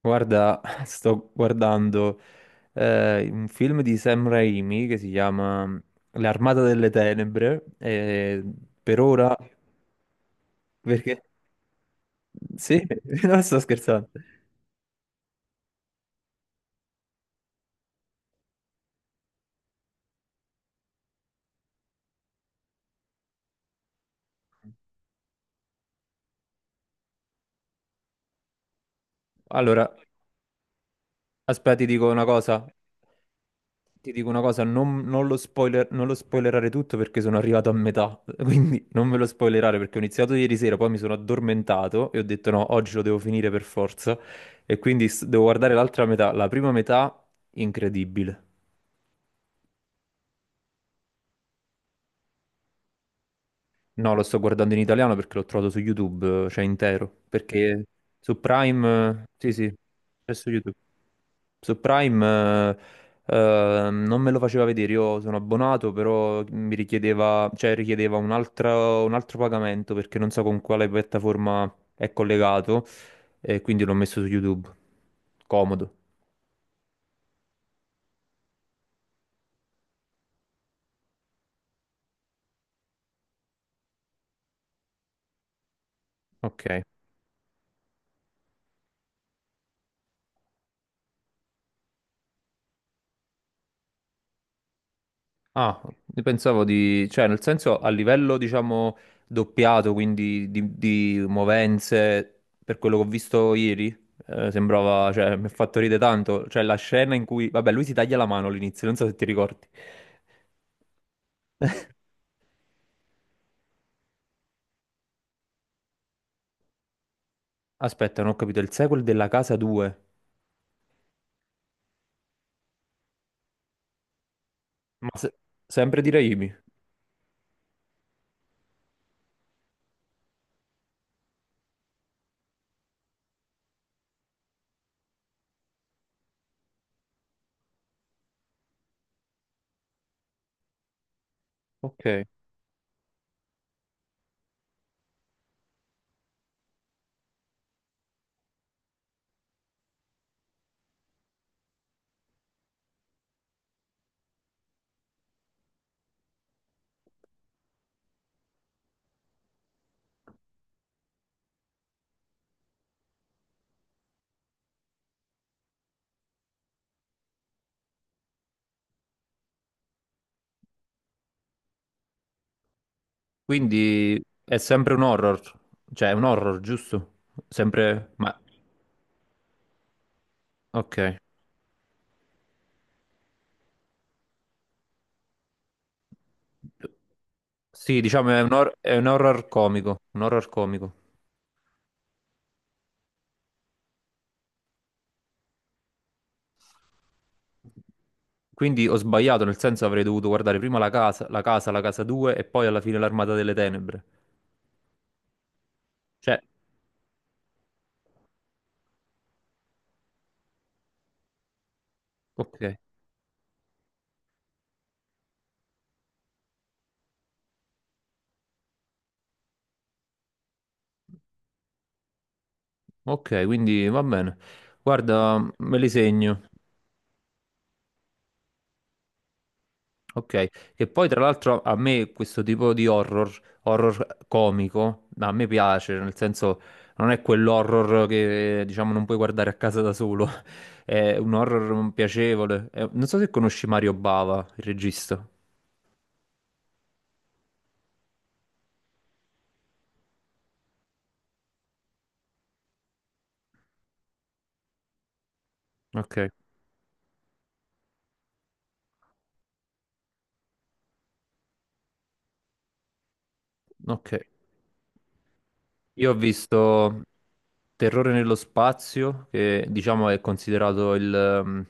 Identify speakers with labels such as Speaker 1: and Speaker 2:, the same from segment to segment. Speaker 1: Guarda, sto guardando un film di Sam Raimi che si chiama L'Armata delle Tenebre, e per ora, perché... Sì, non sto scherzando. Allora, aspetta, ti dico una cosa. Ti dico una cosa, non lo spoilerare tutto perché sono arrivato a metà, quindi non me lo spoilerare perché ho iniziato ieri sera, poi mi sono addormentato e ho detto no, oggi lo devo finire per forza e quindi devo guardare l'altra metà, la prima metà incredibile. No, lo sto guardando in italiano perché l'ho trovato su YouTube, cioè intero, perché su Prime, sì sì, è su YouTube. Su Prime non me lo faceva vedere, io sono abbonato, però mi richiedeva, cioè richiedeva un altro pagamento perché non so con quale piattaforma è collegato, e quindi l'ho messo su YouTube. Comodo. Ok. Ah, io pensavo di, cioè nel senso a livello diciamo doppiato, quindi di movenze, per quello che ho visto ieri, sembrava, cioè mi ha fatto ridere tanto, cioè la scena in cui, vabbè lui si taglia la mano all'inizio, non so se ti ricordi. Aspetta, non ho capito, il sequel della casa 2, ma se- sempre di Raimi, ok. Quindi è sempre un horror, cioè è un horror, giusto? Sempre, ma ok. Sì, diciamo è un, è un horror comico, un horror comico. Quindi ho sbagliato, nel senso avrei dovuto guardare prima la casa, la casa 2 e poi alla fine l'Armata delle Tenebre. Cioè, ok, ok, quindi va bene. Guarda, me li segno. Ok, che poi tra l'altro a me questo tipo di horror, horror comico, ma a me piace, nel senso non è quell'horror che diciamo non puoi guardare a casa da solo, è un horror piacevole. Non so se conosci Mario Bava, il regista. Ok. Ok, io ho visto Terrore nello spazio, che diciamo è considerato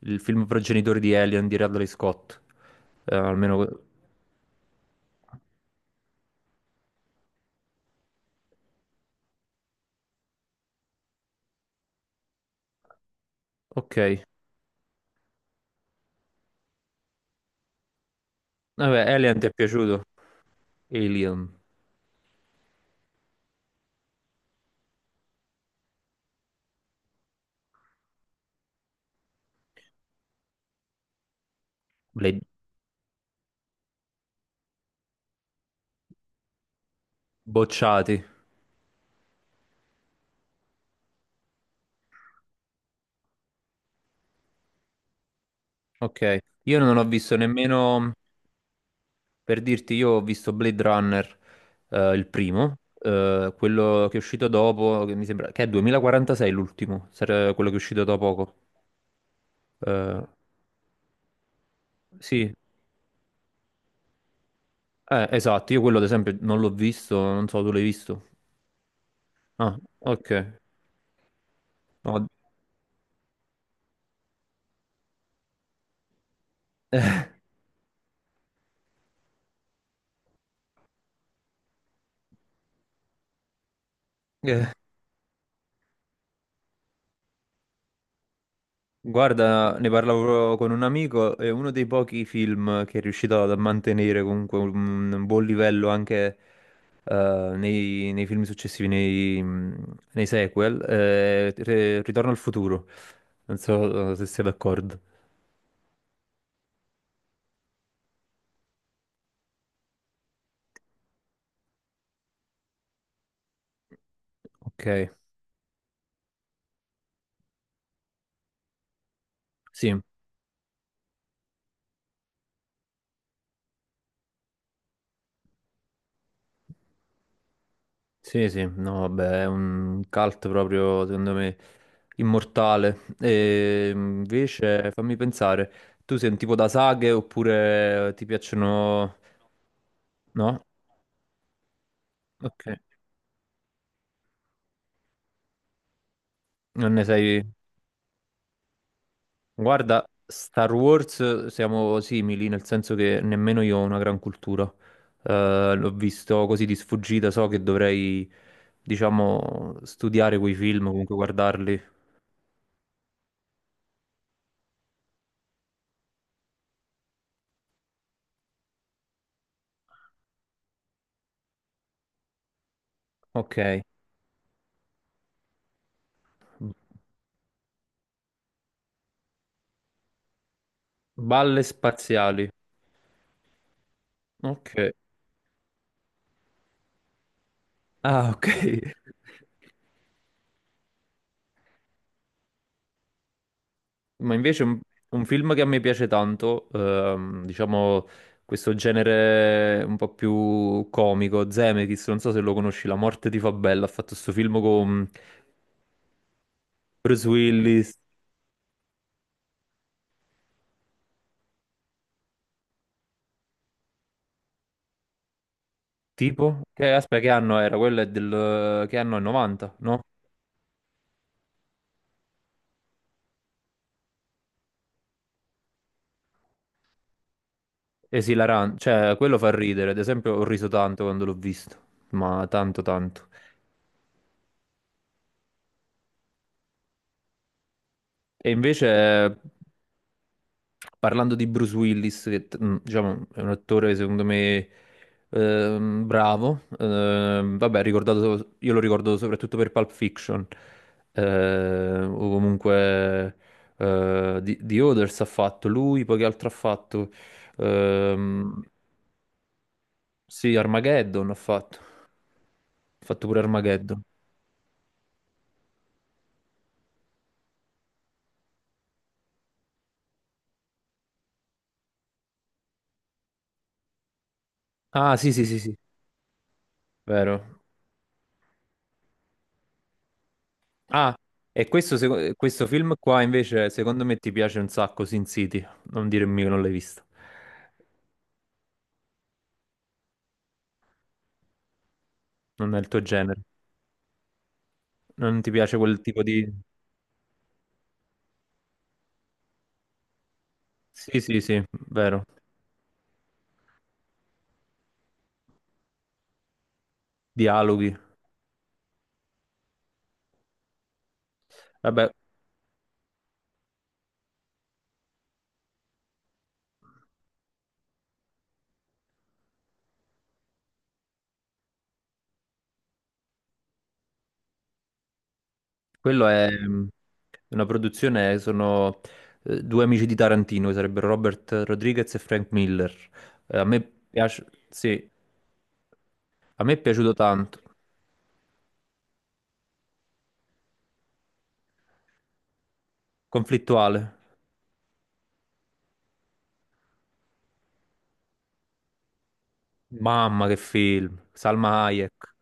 Speaker 1: il film progenitore di Alien di Radley Scott. Almeno... Ok, vabbè, Alien ti è piaciuto? Alien, le bocciati. Ok, io non ho visto nemmeno, per dirti, io ho visto Blade Runner, il primo, quello che è uscito dopo, che mi sembra, che è 2046 l'ultimo, quello che è uscito da poco. Eh, sì, esatto, io quello ad esempio non l'ho visto, non so, tu l'hai visto? Ah, ok. No, guarda, ne parlavo con un amico, è uno dei pochi film che è riuscito a mantenere comunque un buon livello anche nei film successivi, nei sequel. Ritorno al futuro. Non so se sei d'accordo. Ok, sì. Sì, sì, no, vabbè, è un cult proprio, secondo me, immortale. E invece, fammi pensare, tu sei un tipo da saghe oppure ti piacciono... No? Ok, non ne sai... Guarda, Star Wars siamo simili, nel senso che nemmeno io ho una gran cultura. L'ho visto così di sfuggita, so che dovrei, diciamo, studiare quei film, comunque guardarli. Ok, balle spaziali. Ok. Ah, ok. Ma invece un film che a me piace tanto, diciamo questo genere un po' più comico, Zemeckis, non so se lo conosci, La morte ti fa bella, ha fatto questo film con Bruce Willis, tipo, che aspetta, che anno era? Quello è del, che anno è 90, no? Esilarante, cioè quello fa ridere, ad esempio ho riso tanto quando l'ho visto, ma tanto tanto. E invece parlando di Bruce Willis, che diciamo, è un attore secondo me bravo, vabbè, io lo ricordo soprattutto per Pulp Fiction, o comunque The Others ha fatto lui, poi che altro ha fatto? Ehm, sì, Armageddon ha fatto pure Armageddon. Ah, sì, sì, sì, sì, vero. Ah, e questo, questo film qua invece secondo me ti piace un sacco, Sin City. Non dirmi che non l'hai visto. Non è il tuo genere. Non ti piace quel tipo di... Sì, sì, sì, vero. Dialoghi. Vabbè, quello è una produzione, sono due amici di Tarantino, che sarebbero Robert Rodriguez e Frank Miller. A me piace... Sì, a me è piaciuto tanto. Conflittuale. Mamma che film. Salma Hayek.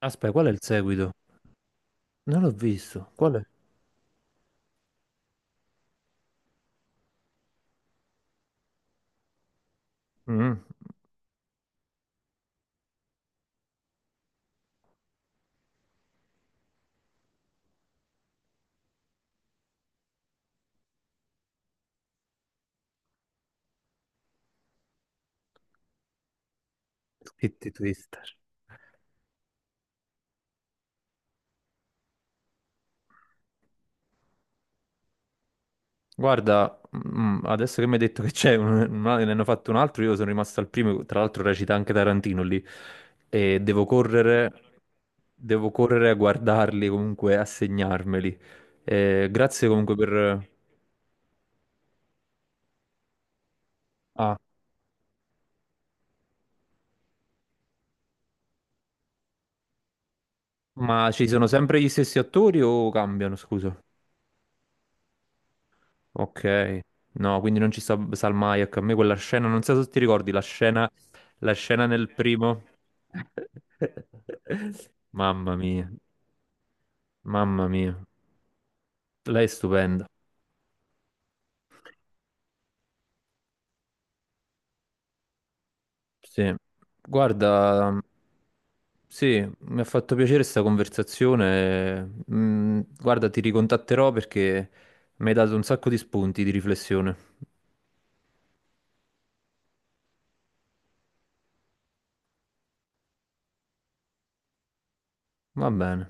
Speaker 1: Aspetta, qual è il seguito? Non l'ho visto. Qual è? Mm. Titty Twister. Guarda, mm, adesso che mi hai detto che c'è, ne hanno fatto un altro, io sono rimasto al primo, tra l'altro recita anche Tarantino lì, e devo correre a guardarli comunque, a segnarmeli. Grazie comunque per... Ah, ma ci sono sempre gli stessi attori o cambiano, scusa? Ok, no, quindi non ci sta Salmayak. A me quella scena, non so se ti ricordi la scena nel primo. Mamma mia, mamma mia, lei è stupenda. Sì, guarda, sì, mi ha fatto piacere questa conversazione. Mm, guarda, ti ricontatterò perché mi hai dato un sacco di spunti di riflessione. Va bene.